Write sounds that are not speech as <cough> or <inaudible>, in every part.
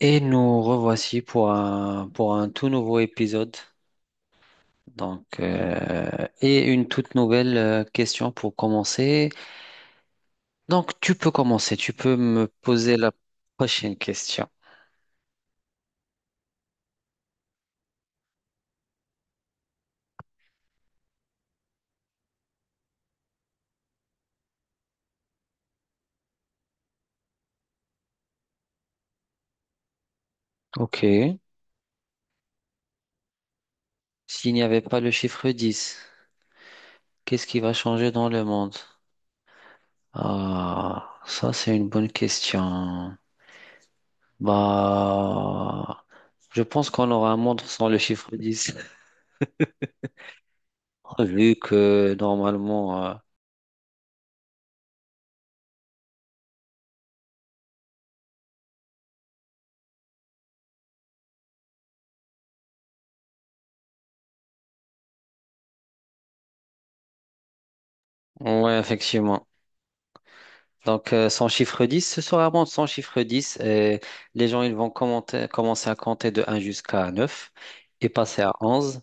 Et nous revoici pour un tout nouveau épisode. Donc, et une toute nouvelle question pour commencer. Donc, tu peux commencer. Tu peux me poser la prochaine question. OK. S'il n'y avait pas le chiffre dix, qu'est-ce qui va changer dans le monde? Ah, ça, c'est une bonne question. Bah, je pense qu'on aura un monde sans le chiffre 10 <laughs> vu que normalement, ouais, effectivement. Donc, son chiffre 10, ce sera bon, son chiffre 10, et les gens ils vont commencer à compter de un jusqu'à 9 et passer à onze.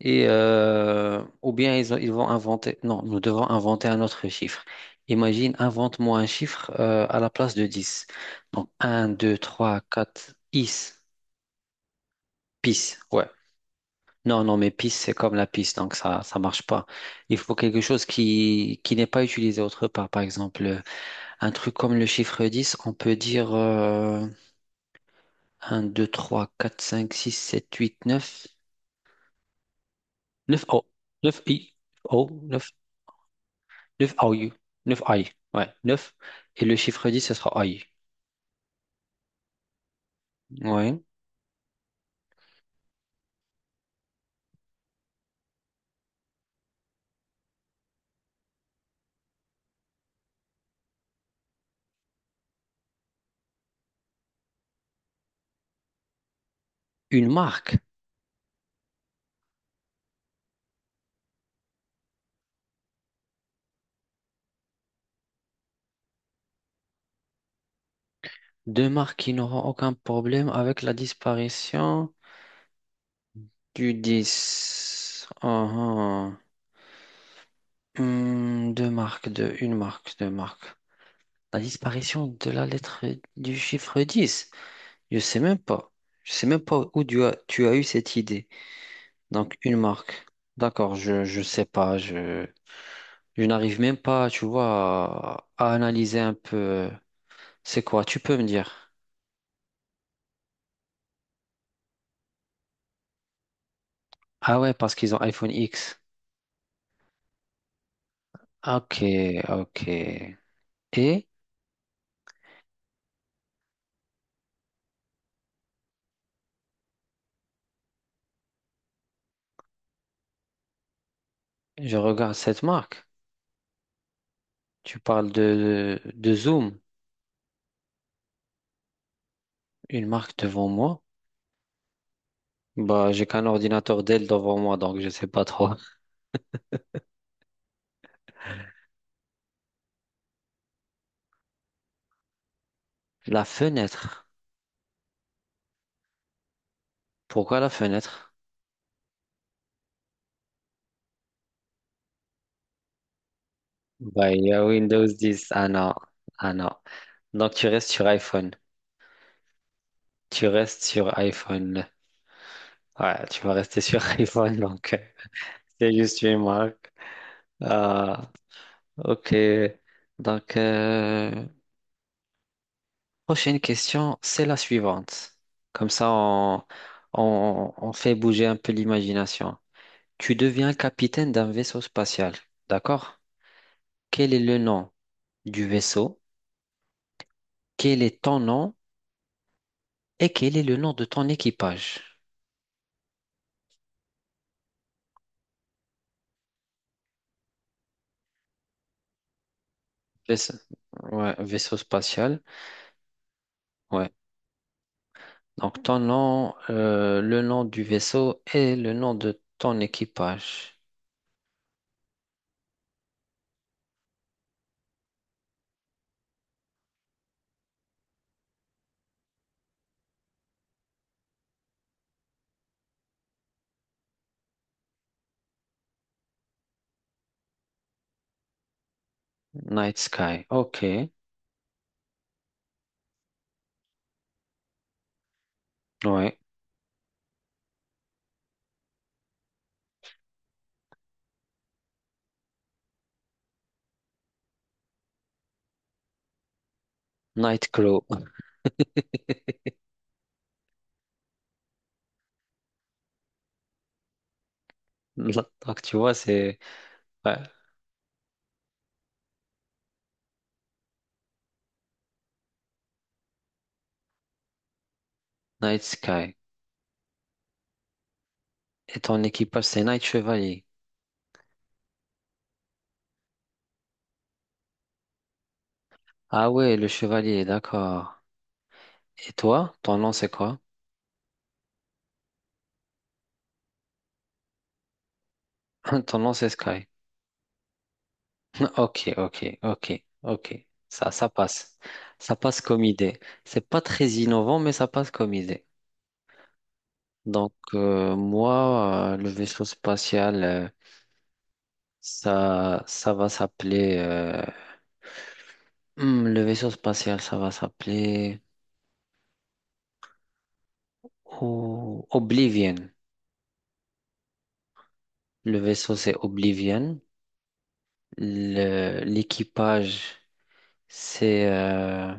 Et, ou bien ils vont inventer, non, nous devons inventer un autre chiffre. Imagine, invente-moi un chiffre à la place de 10. Donc, un, 2, 3, 4, pis, ouais. Non, non, mais pis, c'est comme la pisse, donc ça ça marche pas. Il faut quelque chose qui n'est pas utilisé autre part, par exemple. Un truc comme le chiffre 10, on peut dire 1, 2, 3, 4, 5, 6, 7, 8, neuf, 9 O, 9 I, O, neuf, 9 OU, 9 I. Ouais, neuf. Et le chiffre dix, ce sera I. Ouais. Une marque. Deux marques qui n'auront aucun problème avec la disparition du 10. Uhum. Hmm, deux marques, deux, une marque, deux marques. La disparition de la lettre, du chiffre dix. Je sais même pas. Je sais même pas où tu as eu cette idée. Donc, une marque. D'accord, je sais pas. Je n'arrive même pas, tu vois, à analyser un peu. C'est quoi? Tu peux me dire. Ah ouais, parce qu'ils ont iPhone X. Ok, ok. Et je regarde cette marque. Tu parles de Zoom, une marque devant moi. Bah, j'ai qu'un ordinateur Dell devant moi, donc je sais pas trop. La fenêtre. Pourquoi la fenêtre? Bah, il y a Windows 10. Ah non. Ah non. Donc, tu restes sur iPhone. Tu restes sur iPhone. Ouais, tu vas rester sur <laughs> iPhone. Donc, c'est juste une marque. Ah, ok. Donc, prochaine question, c'est la suivante. Comme ça, on fait bouger un peu l'imagination. Tu deviens capitaine d'un vaisseau spatial. D'accord? Quel est le nom du vaisseau? Quel est ton nom? Et quel est le nom de ton équipage? Vaisse- ouais, vaisseau spatial. Ouais. Donc ton nom, le nom du vaisseau et le nom de ton équipage. Night Sky. Ok. Ouais. Nightclaw. <laughs> Donc tu vois, c'est ouais. Night Sky. Et ton équipage, c'est Night Chevalier. Ah ouais, le chevalier, d'accord. Et toi, ton nom, c'est quoi? <laughs> Ton nom, c'est Sky. <laughs> Ok, ok, ok, ok. Ça passe. Ça passe comme idée. C'est pas très innovant, mais ça passe comme idée. Donc, moi, le vaisseau spatial, ça, ça va s'appeler, le vaisseau spatial, ça va s'appeler, oh, Oblivion. Le vaisseau, c'est Oblivion. L'équipage, c'est,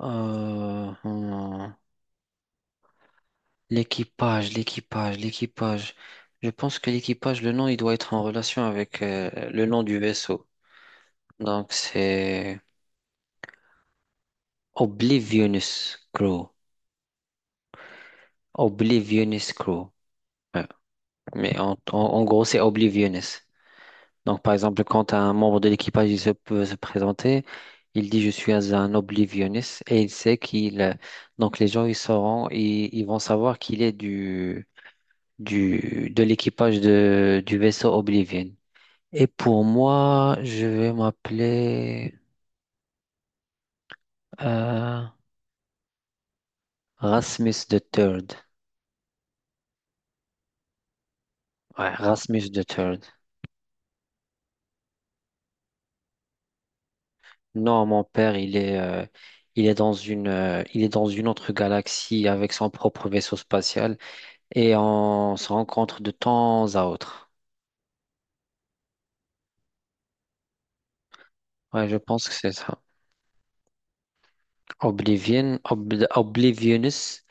euh, hmm, l'équipage, l'équipage, l'équipage. Je pense que l'équipage, le nom, il doit être en relation avec, le nom du vaisseau. Donc, c'est Oblivionus Crew. Oblivionist Crew. Ouais. Mais en gros, c'est Oblivionist. Donc, par exemple, quand un membre de l'équipage il se peut se présenter, il dit je suis un Oblivionist et il sait qu'il. Donc, les gens ils sauront, ils vont savoir qu'il est de l'équipage du vaisseau Oblivion. Et pour moi, je vais m'appeler euh, Rasmus the Third. Ouais, Rasmus the Third. Non, mon père, il est dans une autre galaxie avec son propre vaisseau spatial et on se rencontre de temps à autre. Ouais, je pense que c'est ça. Oblivion, Oblivionus,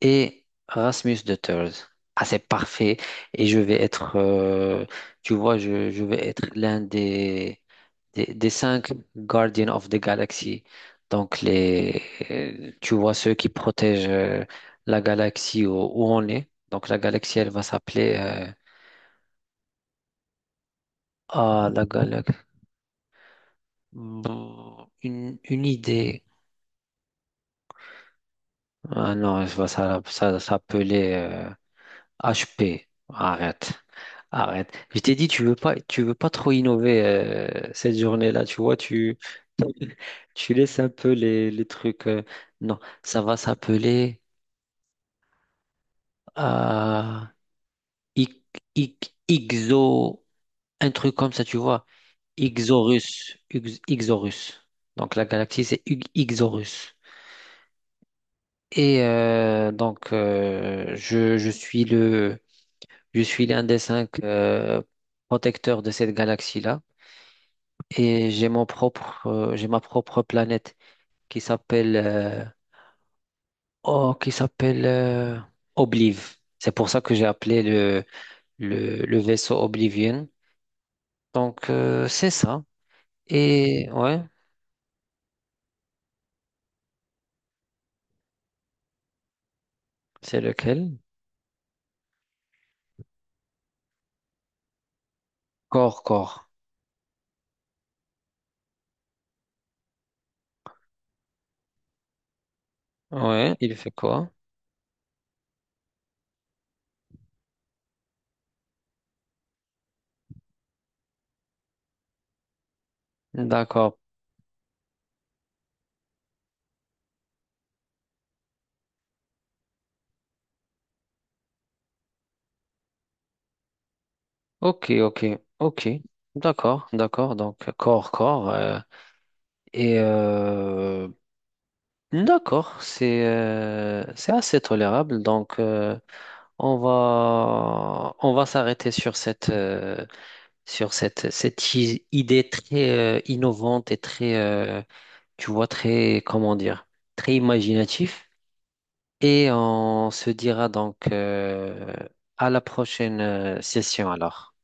et Rasmus de Thurs. Ah, c'est parfait. Et je vais être, tu vois, je vais être l'un des cinq Guardians of the Galaxy. Donc, tu vois, ceux qui protègent la galaxie où on est. Donc, la galaxie, elle va s'appeler. Ah, la galaxie. Bon, une idée. Ah non, je vois ça, ça s'appeler. HP, arrête, arrête. Je t'ai dit, tu veux pas trop innover cette journée-là, tu vois, <laughs> tu laisses un peu les trucs. Non, ça va s'appeler euh, Ix- Ixo, un truc comme ça, tu vois. Ixorus, Ixorus. Donc la galaxie, c'est Ixorus. Et donc, je suis l'un des cinq protecteurs de cette galaxie-là. Et j'ai ma propre planète qui s'appelle euh, oh, qui s'appelle Obliv. C'est pour ça que j'ai appelé le vaisseau Oblivion. Donc, c'est ça. Et ouais, c'est lequel? Corps, corps. Ouais, il fait quoi? D'accord. Ok, ok, ok. D'accord, d'accord. Donc corps, corps. Et d'accord, c'est assez tolérable. Donc, on va s'arrêter sur cette idée très innovante et très, tu vois, très, comment dire, très imaginatif. Et on se dira donc à la prochaine session alors.